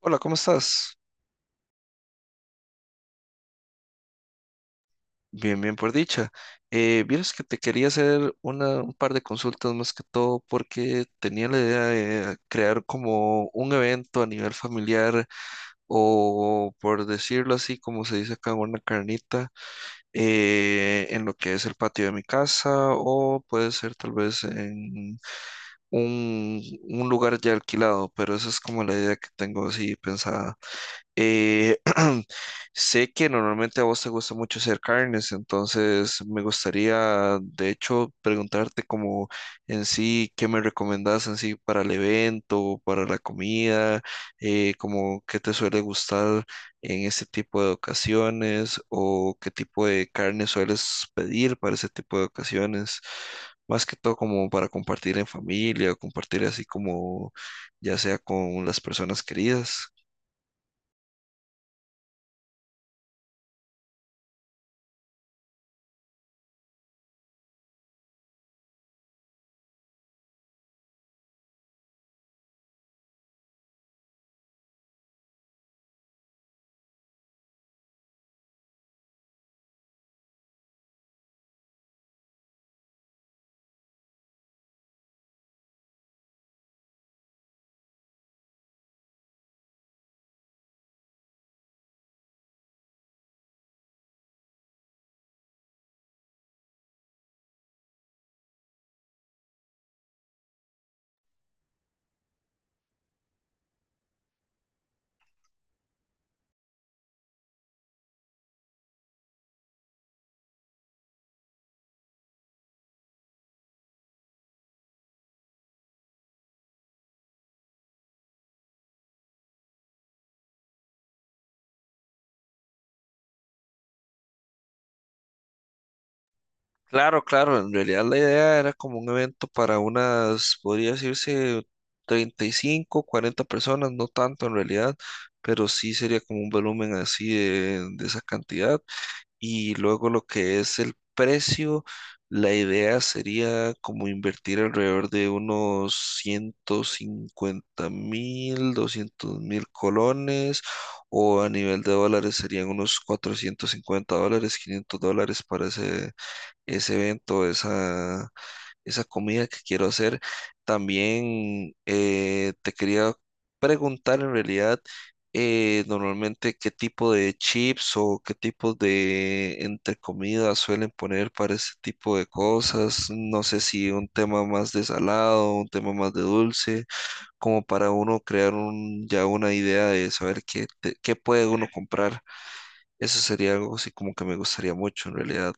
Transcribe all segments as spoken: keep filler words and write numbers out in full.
Hola, ¿cómo estás? Bien, bien, por dicha. Eh, vieras que te quería hacer una, un par de consultas, más que todo porque tenía la idea de crear como un evento a nivel familiar, o por decirlo así, como se dice acá, una carnita eh, en lo que es el patio de mi casa, o puede ser tal vez en un, un lugar ya alquilado, pero esa es como la idea que tengo así pensada. Eh, Sé que normalmente a vos te gusta mucho hacer carnes, entonces me gustaría, de hecho, preguntarte como en sí, ¿qué me recomendás en sí para el evento, para la comida, eh, como qué te suele gustar en este tipo de ocasiones, o qué tipo de carne sueles pedir para ese tipo de ocasiones? Más que todo como para compartir en familia, o compartir así como ya sea con las personas queridas. Claro, claro, en realidad la idea era como un evento para unas, podría decirse, treinta y cinco, cuarenta personas, no tanto en realidad, pero sí sería como un volumen así de, de esa cantidad. Y luego lo que es el precio, la idea sería como invertir alrededor de unos ciento cincuenta mil, doscientos mil colones, o a nivel de dólares serían unos cuatrocientos cincuenta dólares, quinientos dólares para ese ese evento, esa, esa comida que quiero hacer. También eh, te quería preguntar en realidad, eh, normalmente qué tipo de chips o qué tipo de entre comidas suelen poner para ese tipo de cosas. No sé si un tema más de salado, un tema más de dulce, como para uno crear un, ya una idea de saber qué, te- qué puede uno comprar. Eso sería algo así como que me gustaría mucho en realidad.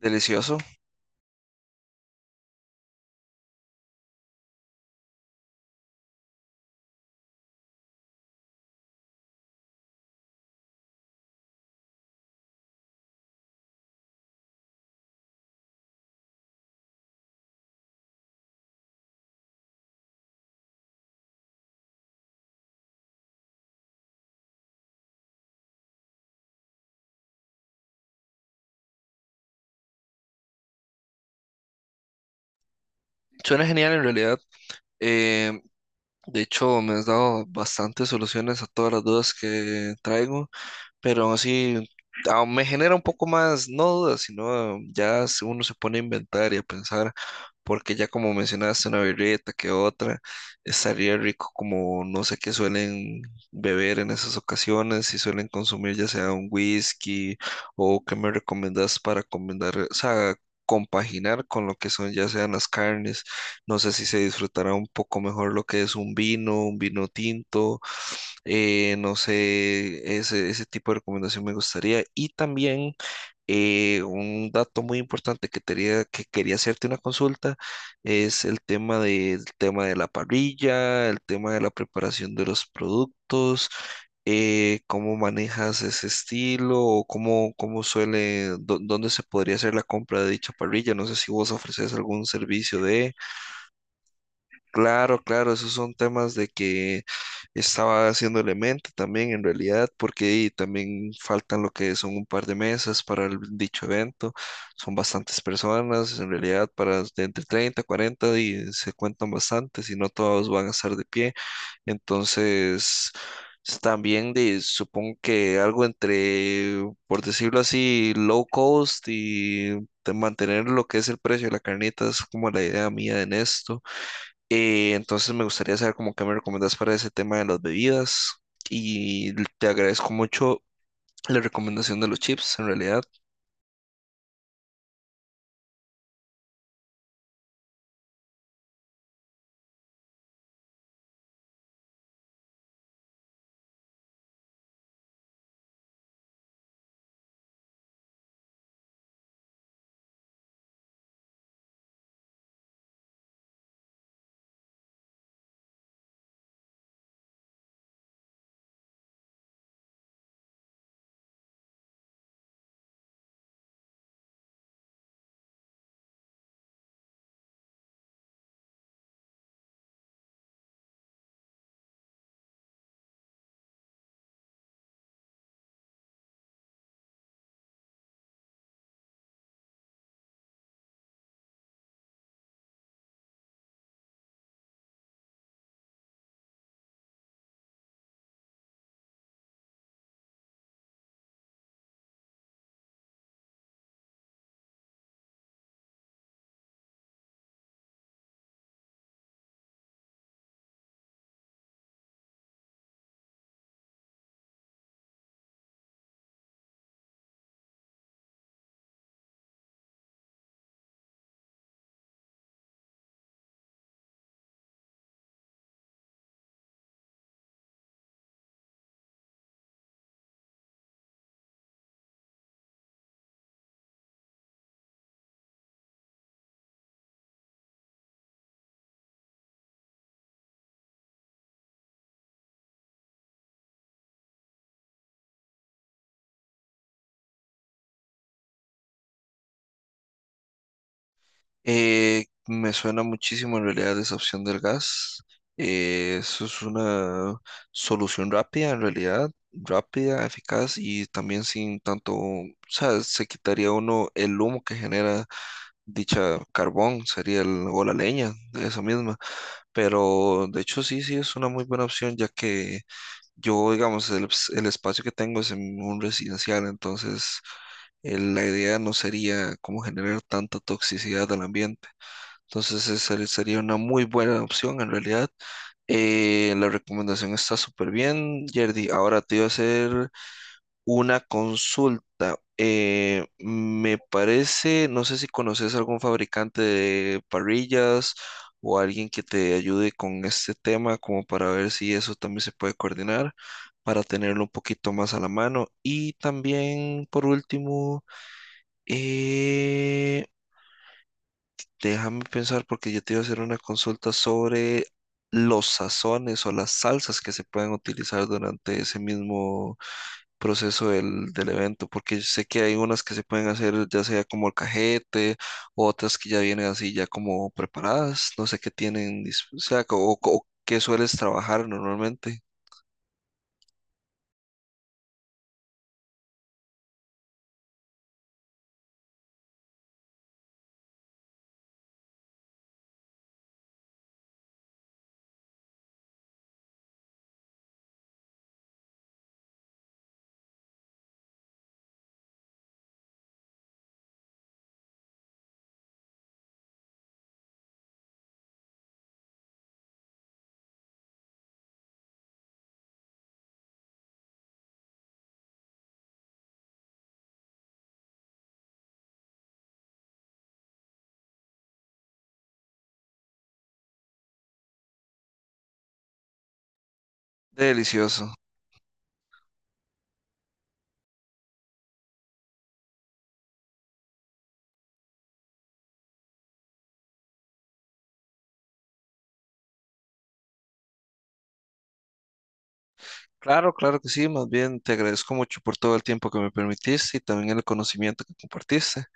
Delicioso. Suena genial en realidad. Eh, de hecho, me has dado bastantes soluciones a todas las dudas que traigo, pero aún así ah, me genera un poco más, no dudas, sino ya se- uno se pone a inventar y a pensar, porque ya como mencionaste, una birrita que otra, estaría rico, como no sé qué suelen beber en esas ocasiones, si suelen consumir ya sea un whisky o qué me recomendás para combinar, o sea, compaginar con lo que son ya sean las carnes, no sé si se disfrutará un poco mejor lo que es un vino, un vino tinto. eh, no sé, ese, ese tipo de recomendación me gustaría. Y también eh, un dato muy importante, que quería, que quería hacerte una consulta, es el tema de, el tema de la parrilla, el tema de la preparación de los productos. eh, ¿cómo manejas ese estilo? O cómo, cómo suele, dó- ¿dónde se podría hacer la compra de dicha parrilla? No sé si vos ofreces algún servicio de... Claro, claro, esos son temas de que estaba haciendo el mente también en realidad, porque ahí también faltan lo que son un par de mesas para el dicho evento, son bastantes personas, en realidad para de entre treinta, cuarenta y se cuentan bastantes y no todos van a estar de pie, entonces s- también de, supongo que algo entre, por decirlo así, low cost, y de mantener lo que es el precio de la carnita, es como la idea mía en esto. eh, entonces me gustaría saber cómo que me recomiendas para ese tema de las bebidas, y l- te agradezco mucho la recomendación de los chips, en realidad. Eh, me suena muchísimo en realidad esa opción del gas. Eh, eso es una solución rápida, en realidad, rápida, eficaz, y también sin tanto, o sea, se quitaría uno el humo que genera dicha carbón, sería el, o la leña, esa misma. Pero de hecho sí, sí, es una muy buena opción, ya que yo, digamos, el, ps- el espacio que tengo es en un residencial, entonces el- la idea no sería como generar tanta toxicidad al ambiente. Entonces esa sería una muy buena opción en realidad. Eh, la recomendación está súper bien, Yerdy. Ahora te iba a hacer una consulta. eh, me parece, no sé si conoces algún fabricante de parrillas o alguien que te ayude con este tema, como para ver si eso también se puede coordinar, para tenerlo un poquito más a la mano. Y también, por último, eh, déjame pensar porque yo te iba a hacer una consulta sobre los sazones o las salsas que se pueden utilizar durante ese mismo proceso del, del evento, porque sé que hay unas que se pueden hacer ya sea como cajete, otras que ya vienen así ya como preparadas, no sé qué tienen, dis- o sea, co- o, o qué sueles trabajar normalmente. Delicioso. Claro, claro que sí, más bien te agradezco mucho por todo el tiempo que me permitiste y también el conocimiento que compartiste.